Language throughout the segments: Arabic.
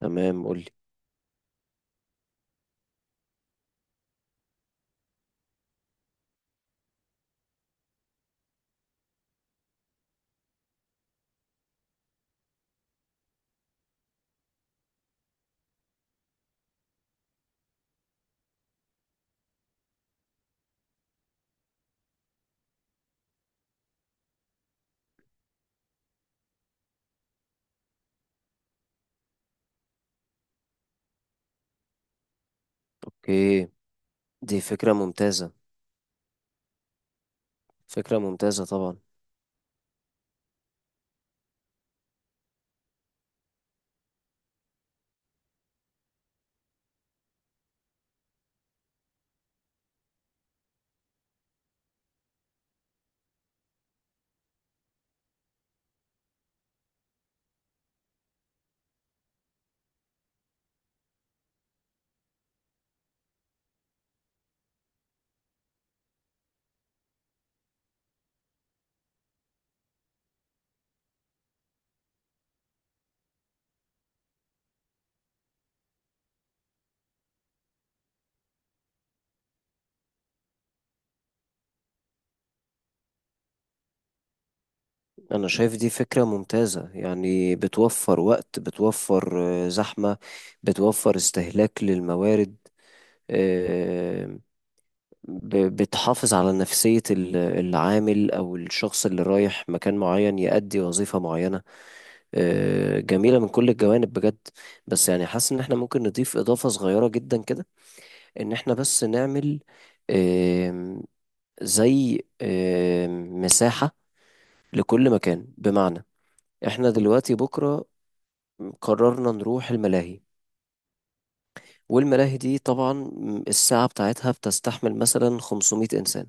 تمام قولي. اوكي، دي فكرة ممتازة. فكرة ممتازة طبعا. انا شايف دي فكرة ممتازة، يعني بتوفر وقت، بتوفر زحمة، بتوفر استهلاك للموارد. آه، بتحافظ على نفسية العامل او الشخص اللي رايح مكان معين يأدي وظيفة معينة. جميلة من كل الجوانب بجد. بس يعني حاسس ان احنا ممكن نضيف اضافة صغيرة جدا كده. ان احنا بس نعمل زي مساحة لكل مكان. بمعنى احنا دلوقتي بكرة قررنا نروح الملاهي، والملاهي دي طبعا الساعة بتاعتها بتستحمل مثلا 500 إنسان.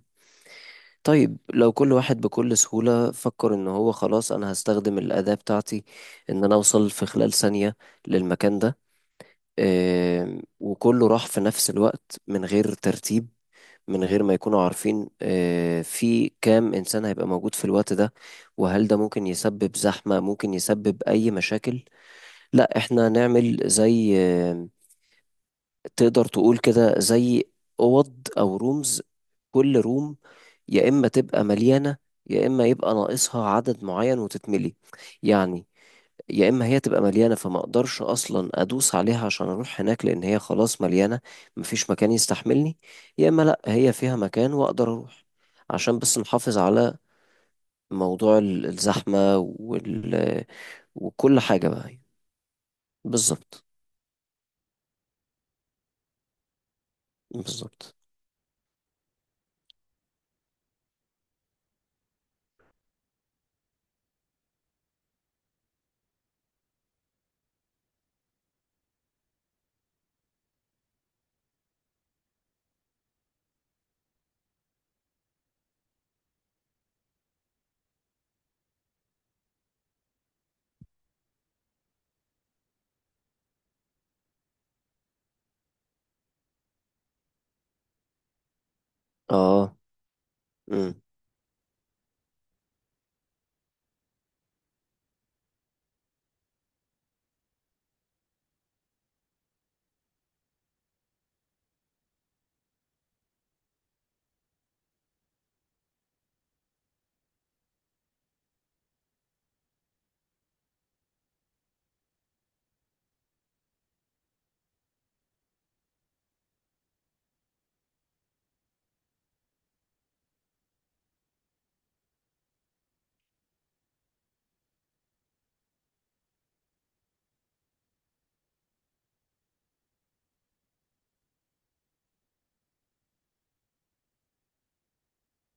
طيب لو كل واحد بكل سهولة فكر إن هو خلاص أنا هستخدم الأداة بتاعتي، إن أنا أوصل في خلال ثانية للمكان ده، وكله راح في نفس الوقت من غير ترتيب، من غير ما يكونوا عارفين في كام إنسان هيبقى موجود في الوقت ده، وهل ده ممكن يسبب زحمة، ممكن يسبب أي مشاكل. لا، إحنا نعمل زي تقدر تقول كده زي أوض أو رومز. كل روم يا إما تبقى مليانة، يا إما يبقى ناقصها عدد معين وتتملي. يعني يا اما هي تبقى مليانه فما اقدرش اصلا ادوس عليها عشان اروح هناك لان هي خلاص مليانه، مفيش مكان يستحملني. يا اما لا، هي فيها مكان واقدر اروح. عشان بس نحافظ على موضوع الزحمه وكل حاجه بقى. بالظبط. بالظبط. اه. امم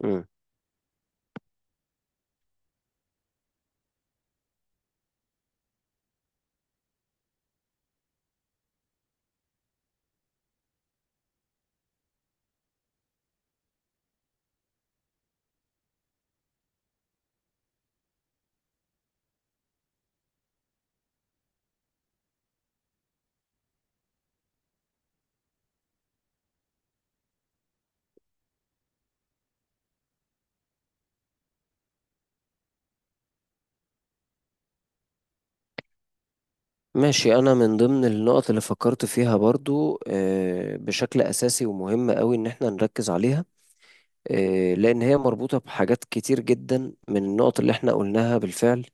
امم. ماشي، انا من ضمن النقط اللي فكرت فيها برضو بشكل اساسي ومهم قوي ان احنا نركز عليها، لأن هي مربوطة بحاجات كتير جدا من النقط اللي احنا قلناها بالفعل.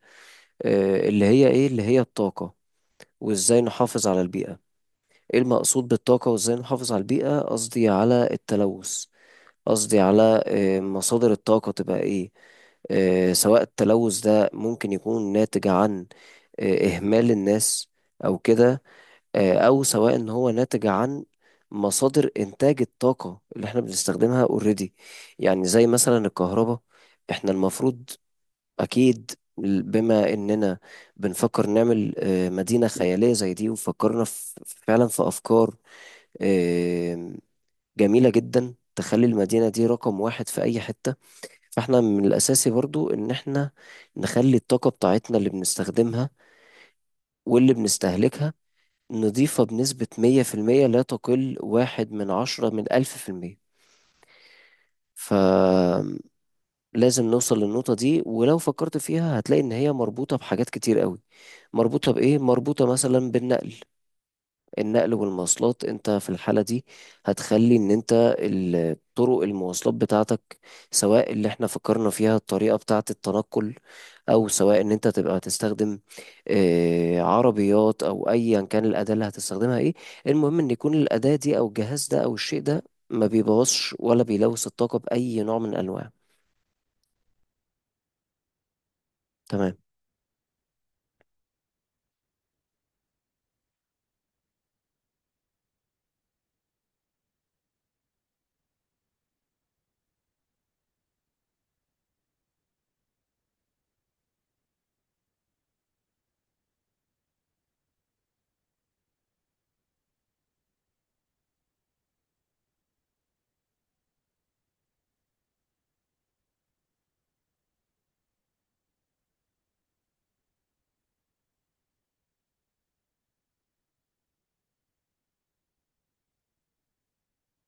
اللي هي ايه، اللي هي الطاقة وازاي نحافظ على البيئة. ايه المقصود بالطاقة وازاي نحافظ على البيئة؟ قصدي على التلوث، قصدي على مصادر الطاقة تبقى ايه. سواء التلوث ده ممكن يكون ناتج عن اهمال الناس او كده، او سواء ان هو ناتج عن مصادر انتاج الطاقة اللي احنا بنستخدمها اوريدي. يعني زي مثلا الكهرباء، احنا المفروض أكيد بما إننا بنفكر نعمل مدينة خيالية زي دي، وفكرنا في فعلا في أفكار آه، جميلة جدا تخلي المدينة دي رقم واحد في أي حتة. فإحنا من الأساسي برضو إن إحنا نخلي الطاقة بتاعتنا اللي بنستخدمها واللي بنستهلكها نضيفها بنسبة مية في المية، لا تقل واحد من عشرة من ألف في المية. لازم نوصل للنقطة دي، ولو فكرت فيها هتلاقي إن هي مربوطة بحاجات كتير قوي. مربوطة بإيه؟ مربوطة مثلا بالنقل. النقل والمواصلات، أنت في الحالة دي هتخلي إن أنت طرق المواصلات بتاعتك، سواء اللي احنا فكرنا فيها الطريقة بتاعة التنقل، أو سواء إن أنت تبقى تستخدم عربيات أو أيا كان الأداة اللي هتستخدمها إيه. المهم إن يكون الأداة دي أو الجهاز ده أو الشيء ده ما بيبوظش ولا بيلوث الطاقة بأي نوع من الأنواع. تمام.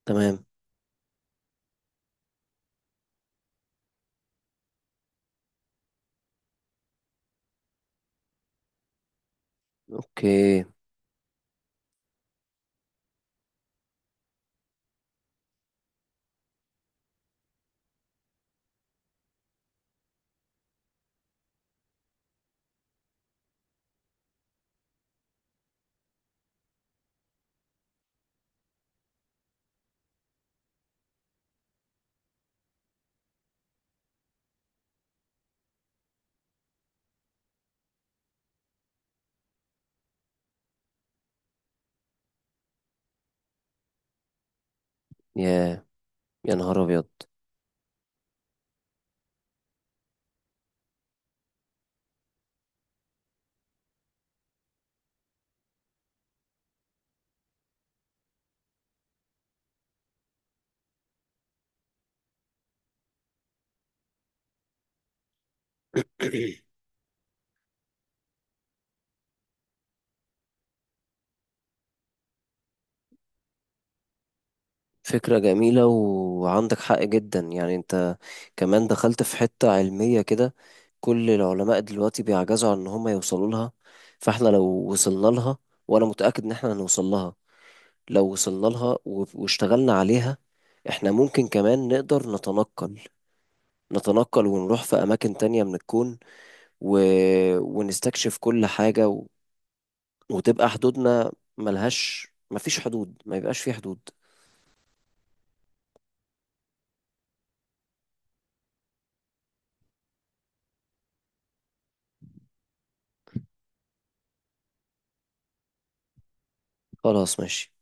تمام. اوكي. يا يا نهار ابيض. فكرة جميلة وعندك حق جدا، يعني انت كمان دخلت في حتة علمية كده كل العلماء دلوقتي بيعجزوا عن ان هم يوصلوا لها. فاحنا لو وصلنا لها، وانا متأكد ان احنا هنوصل لها، لو وصلنا لها واشتغلنا عليها، احنا ممكن كمان نقدر نتنقل، نتنقل ونروح في اماكن تانية من الكون و... ونستكشف كل حاجة، وتبقى حدودنا ملهاش، مفيش حدود، ما يبقاش في حدود. خلاص ماشي.